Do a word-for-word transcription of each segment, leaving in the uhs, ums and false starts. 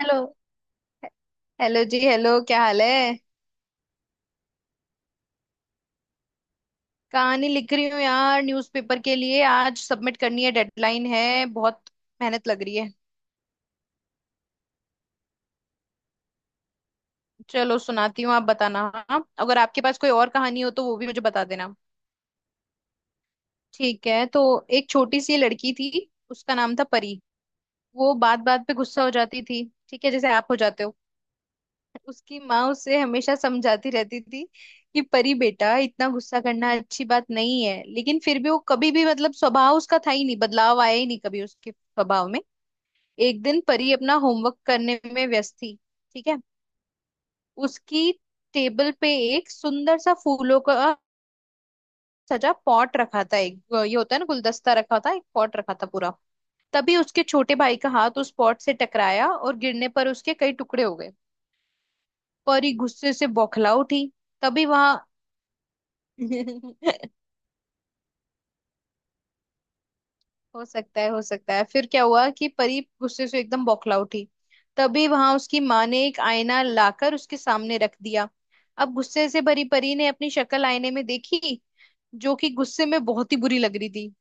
Hello. Hello जी hello, क्या हाल है। कहानी लिख रही हूँ यार, न्यूज़पेपर के लिए, आज सबमिट करनी है, डेडलाइन है, बहुत मेहनत लग रही है। चलो सुनाती हूँ, आप बताना। हाँ? अगर आपके पास कोई और कहानी हो तो वो भी मुझे बता देना। ठीक है तो एक छोटी सी लड़की थी, उसका नाम था परी। वो बात बात पे गुस्सा हो जाती थी, ठीक है, जैसे आप हो जाते हो। उसकी माँ उसे हमेशा समझाती रहती थी कि परी बेटा, इतना गुस्सा करना अच्छी बात नहीं है, लेकिन फिर भी वो कभी भी, मतलब स्वभाव उसका था ही नहीं, बदलाव आया ही नहीं कभी उसके स्वभाव में। एक दिन परी अपना होमवर्क करने में व्यस्त थी, ठीक है। उसकी टेबल पे एक सुंदर सा फूलों का सजा पॉट रखा था, एक ये होता है ना गुलदस्ता, रखा था एक पॉट रखा था पूरा। तभी उसके छोटे भाई का हाथ उस पॉट से टकराया और गिरने पर उसके कई टुकड़े हो गए। परी गुस्से से बौखला उठी। तभी वहां हो सकता है, हो सकता है। फिर क्या हुआ कि परी गुस्से से एकदम बौखला उठी। तभी वहां उसकी माँ ने एक आईना लाकर उसके सामने रख दिया। अब गुस्से से भरी परी ने अपनी शक्ल आईने में देखी, जो कि गुस्से में बहुत ही बुरी लग रही थी।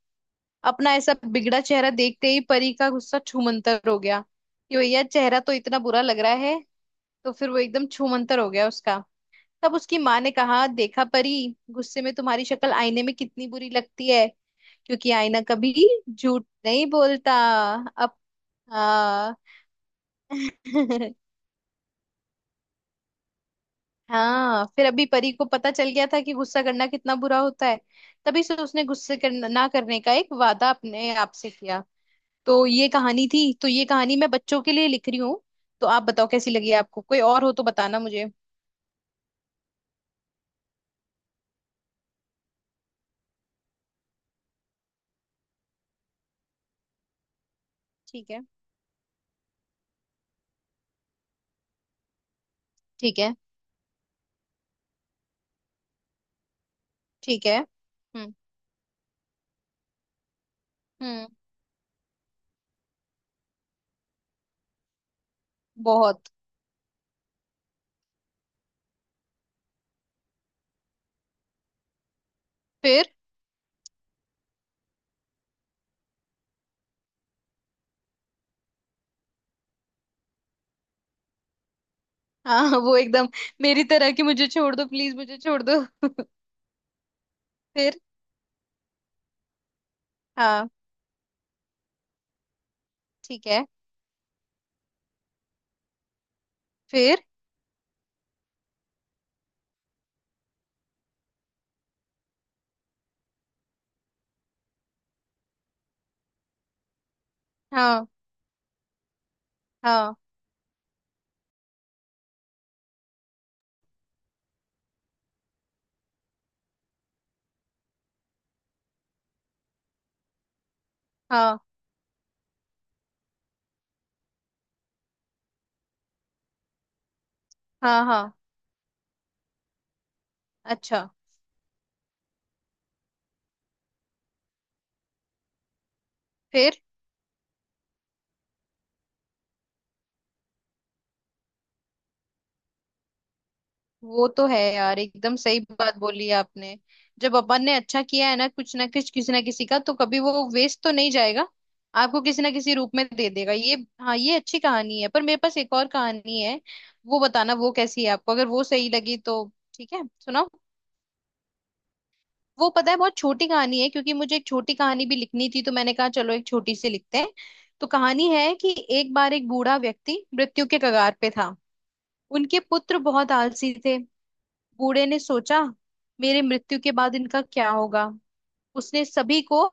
अपना ऐसा बिगड़ा चेहरा देखते ही परी का गुस्सा छूमंतर हो गया कि भैया चेहरा तो इतना बुरा लग रहा है, तो फिर वो एकदम छूमंतर हो गया उसका। तब उसकी माँ ने कहा, देखा परी, गुस्से में तुम्हारी शक्ल आईने में कितनी बुरी लगती है, क्योंकि आईना कभी झूठ नहीं बोलता। अब हाँ। हाँ, फिर अभी परी को पता चल गया था कि गुस्सा करना कितना बुरा होता है। तभी से उसने गुस्से करना ना करने का एक वादा अपने आप से किया। तो ये कहानी थी, तो ये कहानी मैं बच्चों के लिए लिख रही हूँ। तो आप बताओ कैसी लगी आपको, कोई और हो तो बताना मुझे। ठीक है। ठीक है। ठीक है। हम्म हम्म। बहुत। फिर। हाँ, वो एकदम मेरी तरह कि मुझे छोड़ दो, प्लीज मुझे छोड़ दो। फिर। हाँ, ठीक है। फिर। हाँ हाँ। हाँ हाँ। हाँ। अच्छा। फिर। वो तो है यार, एकदम सही बात बोली आपने। जब अपन ने अच्छा किया है ना कुछ ना कुछ किसी ना किसी का, तो कभी वो वेस्ट तो नहीं जाएगा। आपको किसी ना किसी रूप में दे देगा ये। हाँ, ये अच्छी कहानी है, पर मेरे पास एक और कहानी है। वो बताना वो कैसी है आपको, अगर वो सही लगी तो। ठीक है सुनाओ। वो पता है बहुत छोटी कहानी है, क्योंकि मुझे एक छोटी कहानी भी लिखनी थी, तो मैंने कहा चलो एक छोटी सी लिखते हैं। तो कहानी है कि एक बार एक बूढ़ा व्यक्ति मृत्यु के कगार पे था। उनके पुत्र बहुत आलसी थे। बूढ़े ने सोचा, मेरे मृत्यु के बाद इनका क्या होगा। उसने सभी को,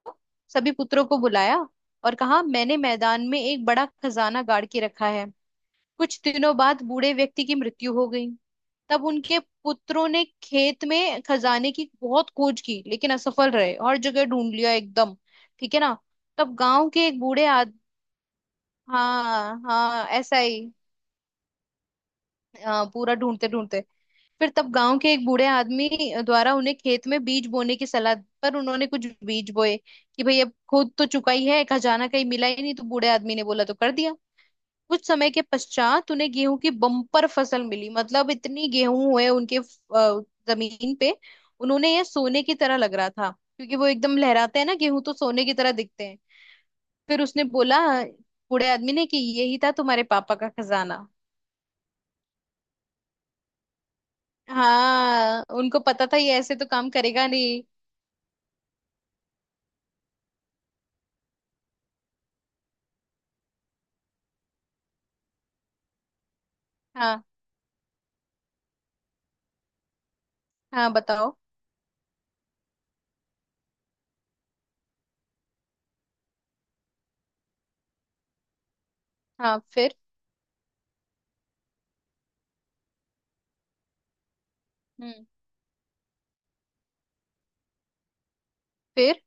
सभी पुत्रों को बुलाया और कहा, मैंने मैदान में एक बड़ा खजाना गाड़ के रखा है। कुछ दिनों बाद बूढ़े व्यक्ति की मृत्यु हो गई। तब उनके पुत्रों ने खेत में खजाने की बहुत खोज की, लेकिन असफल रहे, हर जगह ढूंढ लिया एकदम, ठीक है ना। तब गांव के एक बूढ़े आद, हाँ हाँ ऐसा ही। हाँ, पूरा ढूंढते ढूंढते। फिर तब गांव के एक बूढ़े आदमी द्वारा उन्हें खेत में बीज बोने की सलाह दी, पर उन्होंने कुछ बीज बोए कि भाई अब खुद तो चुका ही है, खजाना कहीं मिला ही नहीं, तो बूढ़े आदमी ने बोला तो कर दिया। कुछ समय के पश्चात उन्हें गेहूं की बम्पर फसल मिली, मतलब इतनी गेहूं हुए उनके अ, जमीन पे। उन्होंने, यह सोने की तरह लग रहा था, क्योंकि वो एकदम लहराते हैं ना गेहूं, तो सोने की तरह दिखते हैं। फिर उसने बोला, बूढ़े आदमी ने, कि यही था तुम्हारे पापा का खजाना। हाँ, उनको पता था ये ऐसे तो काम करेगा नहीं। हाँ हाँ। बताओ। हाँ। फिर। हम्म। फिर।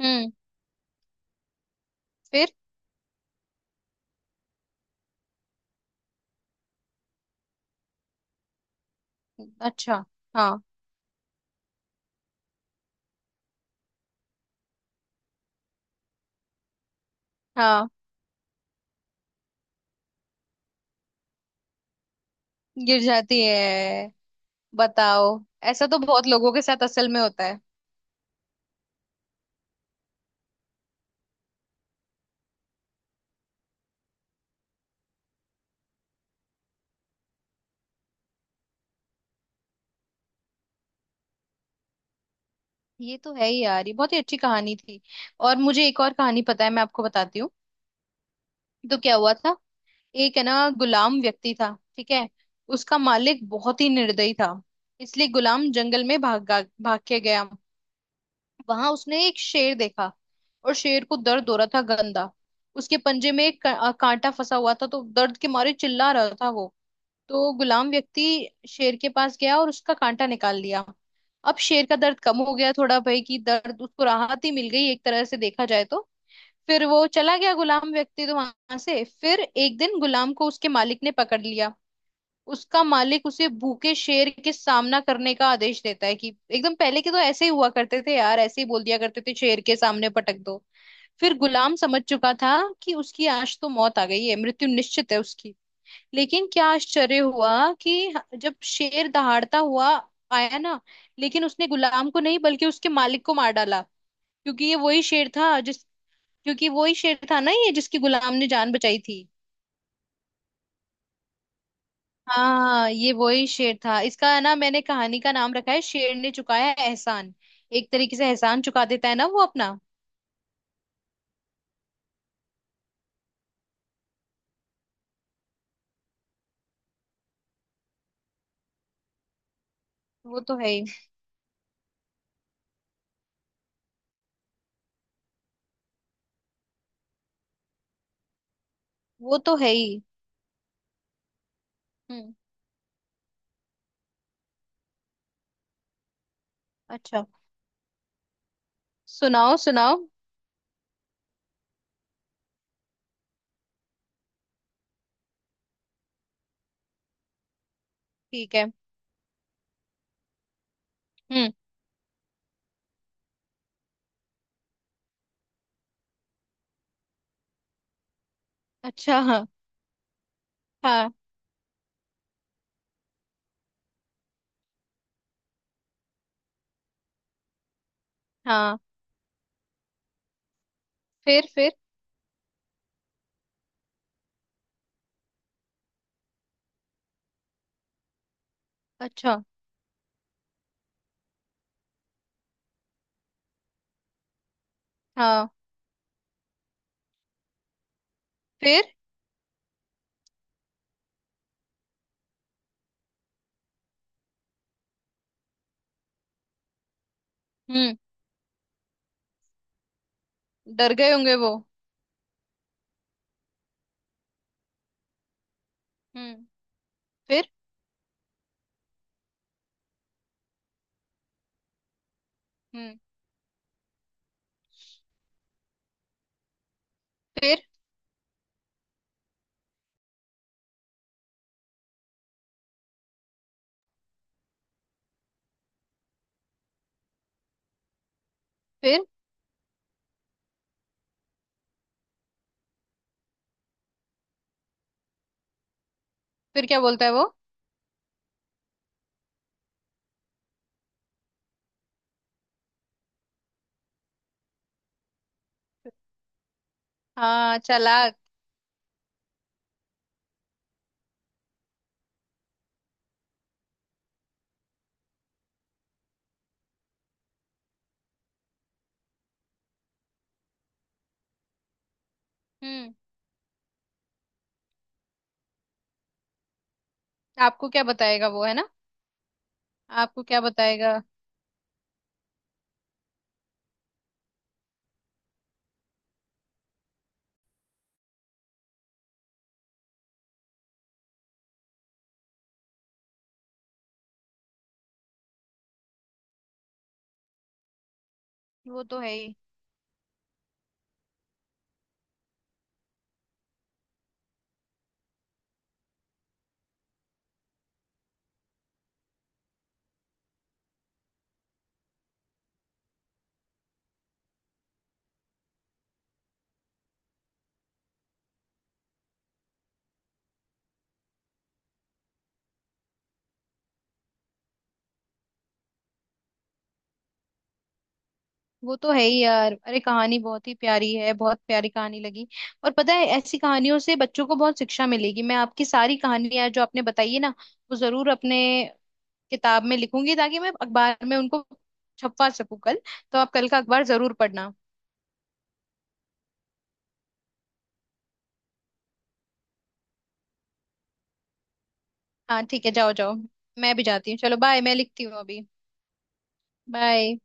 हम्म। फिर। अच्छा। हाँ हाँ। गिर जाती है। बताओ। ऐसा तो बहुत लोगों के साथ असल में होता है। ये तो है ही यार, ये बहुत ही अच्छी कहानी थी। और मुझे एक और कहानी पता है, मैं आपको बताती हूँ। तो क्या हुआ था, एक है ना गुलाम व्यक्ति था, ठीक है। उसका मालिक बहुत ही निर्दयी था, इसलिए गुलाम जंगल में भाग, भाग के गया। वहां उसने एक शेर देखा, और शेर को दर्द हो रहा था गंदा। उसके पंजे में एक का- कांटा फंसा हुआ था, तो दर्द के मारे चिल्ला रहा था वो। तो गुलाम व्यक्ति शेर के पास गया और उसका कांटा निकाल लिया। अब शेर का दर्द कम हो गया थोड़ा भाई, कि दर्द उसको, राहत ही मिल गई एक तरह से देखा जाए तो। फिर वो चला गया गुलाम व्यक्ति तो वहां से। फिर एक दिन गुलाम को उसके मालिक ने पकड़ लिया। उसका मालिक उसे भूखे शेर के सामना करने का आदेश देता है कि एकदम, पहले के तो ऐसे ही हुआ करते थे यार, ऐसे ही बोल दिया करते थे, शेर के सामने पटक दो। फिर गुलाम समझ चुका था कि उसकी आज तो मौत आ गई है, मृत्यु निश्चित है उसकी। लेकिन क्या आश्चर्य हुआ कि ह- जब शेर दहाड़ता हुआ आया ना, लेकिन उसने गुलाम को नहीं बल्कि उसके मालिक को मार डाला। क्योंकि ये वही शेर था जिस क्योंकि वही शेर था ना ये जिसकी गुलाम ने जान बचाई थी। हाँ ये वही शेर था, इसका है ना मैंने कहानी का नाम रखा है, शेर ने चुकाया एहसान। एक तरीके से एहसान चुका देता है ना वो अपना। वो तो है ही। वो तो है ही। हम्म। अच्छा। सुनाओ सुनाओ। ठीक है। हम्म। अच्छा। हाँ हाँ। हाँ। फिर। फिर। अच्छा। हाँ। फिर। हम्म। डर गए होंगे वो। हम्म। फिर। हम्म। फिर। फिर। फिर क्या बोलता है वो। हाँ, चालाक। हम्म। आपको क्या बताएगा वो, है ना। आपको क्या बताएगा। वो तो है ही। वो तो है ही यार, अरे कहानी बहुत ही प्यारी है, बहुत प्यारी कहानी लगी। और पता है ऐसी कहानियों से बच्चों को बहुत शिक्षा मिलेगी। मैं आपकी सारी कहानियां जो आपने बताई है ना, वो जरूर अपने किताब में लिखूंगी, ताकि मैं अखबार में उनको छपवा सकूं कल। तो आप कल का अखबार जरूर पढ़ना। हाँ ठीक है जाओ जाओ। मैं भी जाती हूँ, चलो बाय, मैं लिखती हूँ अभी। बाय।